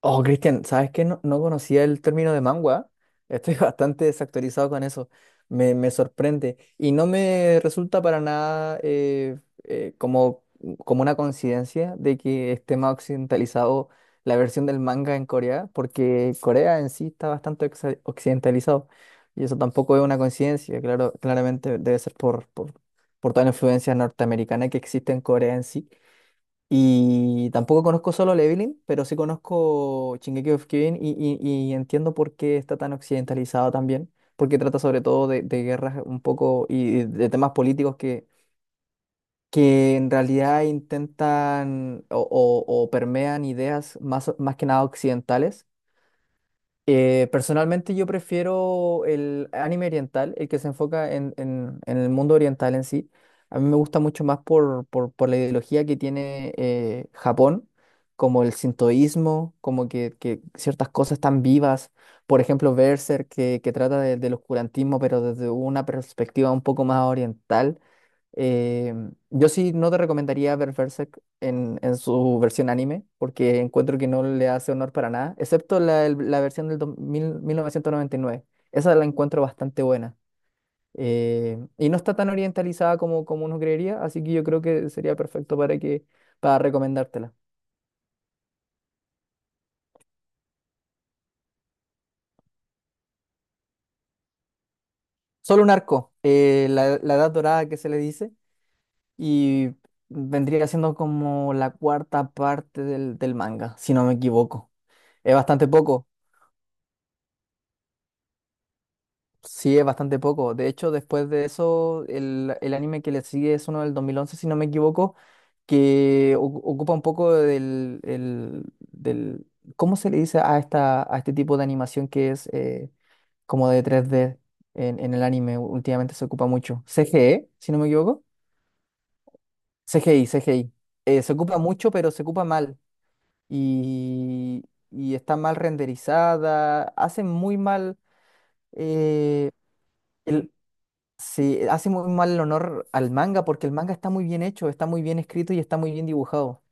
Oh, Cristian, ¿sabes qué? No, no conocía el término de mangua. Estoy bastante desactualizado con eso. Me sorprende. Y no me resulta para nada eh, como, como una coincidencia de que esté más occidentalizado la versión del manga en Corea, porque Corea en sí está bastante occidentalizado. Y eso tampoco es una coincidencia. Claro, claramente debe ser por, toda la influencia norteamericana que existe en Corea en sí. Y tampoco conozco Solo Leveling, pero sí conozco Shingeki of Kyojin y, y entiendo por qué está tan occidentalizado también, porque trata sobre todo de guerras un poco y de temas políticos que en realidad intentan o, o permean ideas más que nada occidentales. Personalmente, yo prefiero el anime oriental, el que se enfoca en, en el mundo oriental en sí. A mí me gusta mucho más por la ideología que tiene Japón, como el sintoísmo, como que ciertas cosas están vivas. Por ejemplo, Berserk, que trata del oscurantismo, pero desde una perspectiva un poco más oriental. Eh, yo sí no te recomendaría ver Berserk en su versión anime, porque encuentro que no le hace honor para nada, excepto la, la versión del dos mil 1999. Esa la encuentro bastante buena. Y no está tan orientalizada como, como uno creería, así que yo creo que sería perfecto para que, para recomendártela. Solo un arco, la Edad Dorada que se le dice, y vendría siendo como la cuarta parte del, del manga, si no me equivoco. Es bastante poco. Sí, es bastante poco. De hecho, después de eso, el anime que le sigue es uno del 2011, si no me equivoco, que ocupa un poco del... ¿Cómo se le dice a, a este tipo de animación que es como de 3D en el anime? Últimamente se ocupa mucho. CGE, si no me equivoco. CGI, CGI. Se ocupa mucho, pero se ocupa mal. Y, y está mal renderizada, hace muy mal... eh, el- Sí, hace muy mal el honor al manga porque el manga está muy bien hecho, está muy bien escrito y está muy bien dibujado.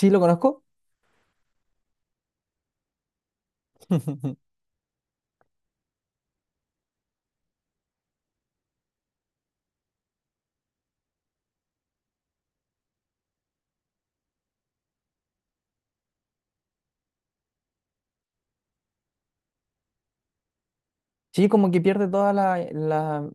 ¿Sí lo conozco? Sí, como que pierde toda la, eh, la,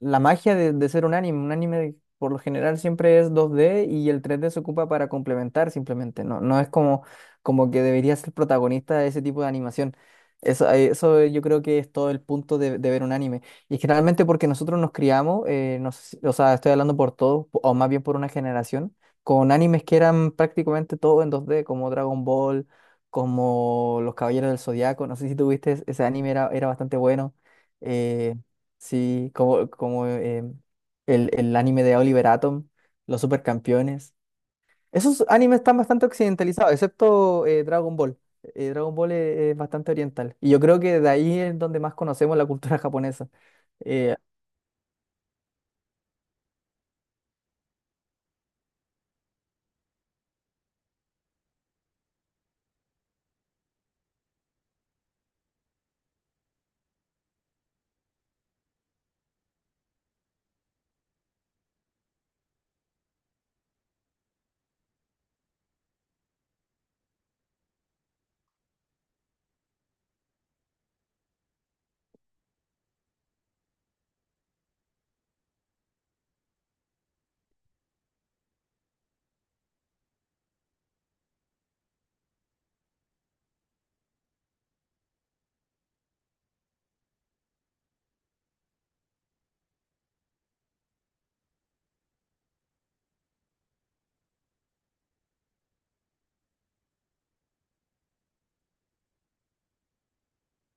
la magia de ser un anime. Un anime por lo general siempre es 2D y el 3D se ocupa para complementar simplemente. No, no es como, como que debería ser protagonista de ese tipo de animación. Eso, yo creo que es todo el punto de ver un anime. Y generalmente porque nosotros nos criamos, no sé si- o sea, estoy hablando por todos, o más bien por una generación, con animes que eran prácticamente todo en 2D, como Dragon Ball, como Los Caballeros del Zodiaco. No sé si tuviste ese anime, era bastante bueno. Eh, sí, como el anime de Oliver Atom, Los Supercampeones. Esos animes están bastante occidentalizados, excepto Dragon Ball. Dragon Ball es bastante oriental. Y yo creo que de ahí es donde más conocemos la cultura japonesa. Eh,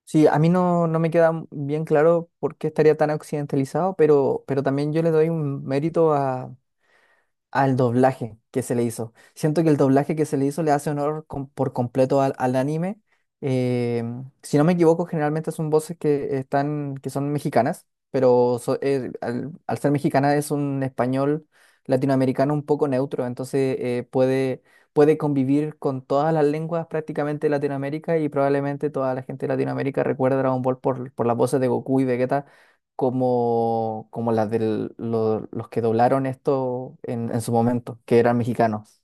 sí, a mí no, no me queda bien claro por qué estaría tan occidentalizado, pero también yo le doy un mérito a al doblaje que se le hizo. Siento que el doblaje que se le hizo le hace honor por completo al, al anime. Eh, si no me equivoco, generalmente son voces que son mexicanas, pero al ser mexicana, es un español latinoamericano un poco neutro, entonces puede convivir con todas las lenguas prácticamente de Latinoamérica, y probablemente toda la gente de Latinoamérica recuerda Dragon Ball por las voces de Goku y Vegeta como, como las de los que doblaron esto en su momento, que eran mexicanos.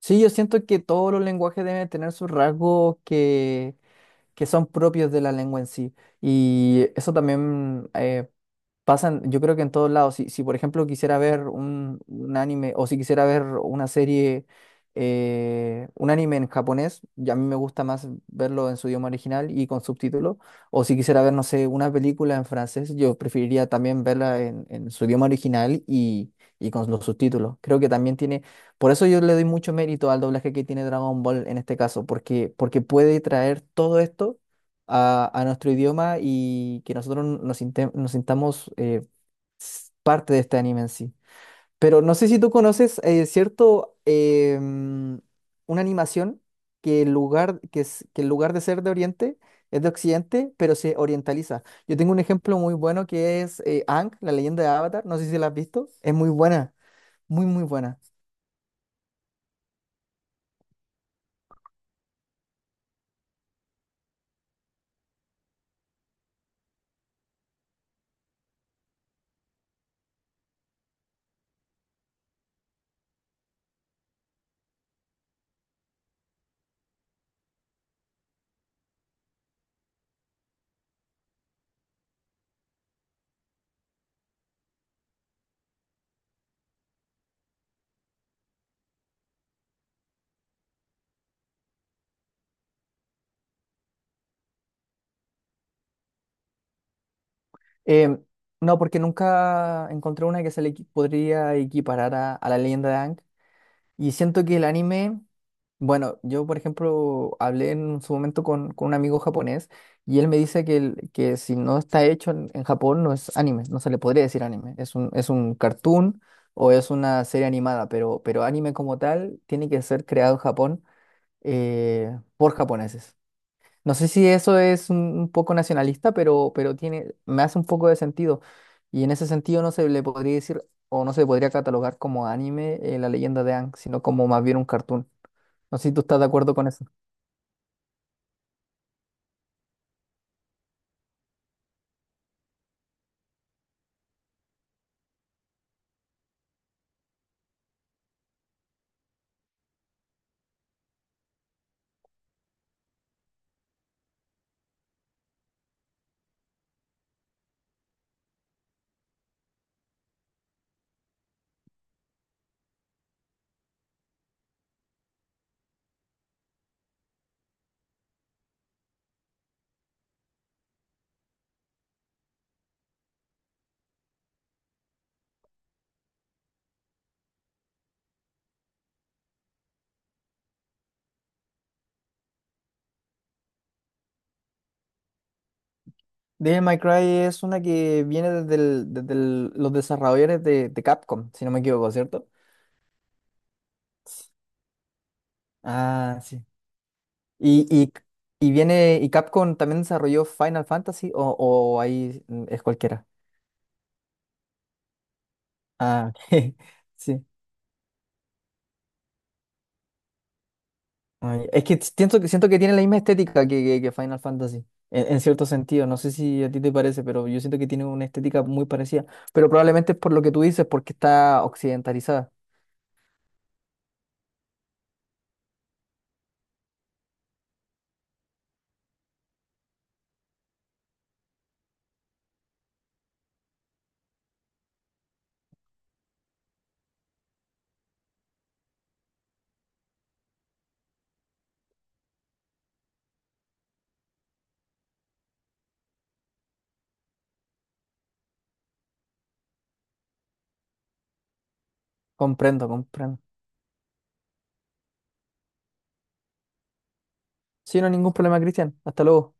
Sí, yo siento que todos los lenguajes deben tener sus rasgos que son propios de la lengua en sí. Y eso también pasa, yo creo que en todos lados. Si por ejemplo quisiera ver un anime o si quisiera ver una serie, un anime en japonés, y a mí me gusta más verlo en su idioma original y con subtítulos. O si quisiera ver, no sé, una película en francés, yo preferiría también verla en su idioma original y con los subtítulos. Creo que también tiene, por eso yo le doy mucho mérito al doblaje que tiene Dragon Ball en este caso, porque, porque puede traer todo esto a nuestro idioma y que nosotros nos sintamos parte de este anime en sí. Pero no sé si tú conoces, ¿cierto? Una animación que en lugar de ser de Oriente, es de Occidente, pero se orientaliza. Yo tengo un ejemplo muy bueno que es Aang, la leyenda de Avatar. No sé si la has visto. Es muy buena, muy, muy buena. Eh, no, porque nunca encontré una que se le podría equiparar a la leyenda de Aang. Y siento que el anime, bueno, yo por ejemplo hablé en su momento con un amigo japonés, y él me dice que, que si no está hecho en Japón, no es anime, no se le podría decir anime, es un cartoon o es una serie animada, pero anime como tal tiene que ser creado en Japón, por japoneses. No sé si eso es un poco nacionalista, pero tiene, me hace un poco de sentido. Y en ese sentido no se le podría decir, o no se podría catalogar como anime la leyenda de Aang, sino como más bien un cartoon. No sé si tú estás de acuerdo con eso. Devil May Cry es una que viene desde los desarrolladores de Capcom, si no me equivoco, ¿cierto? Ah, sí. Y, y viene, y Capcom también desarrolló Final Fantasy, o ahí es cualquiera. Ah, ok. Sí. Ay, es que siento que tiene la misma estética que, que Final Fantasy, en cierto sentido. No sé si a ti te parece, pero yo siento que tiene una estética muy parecida. Pero probablemente es por lo que tú dices, porque está occidentalizada. Comprendo, comprendo. Sí, no hay ningún problema, Cristian. Hasta luego.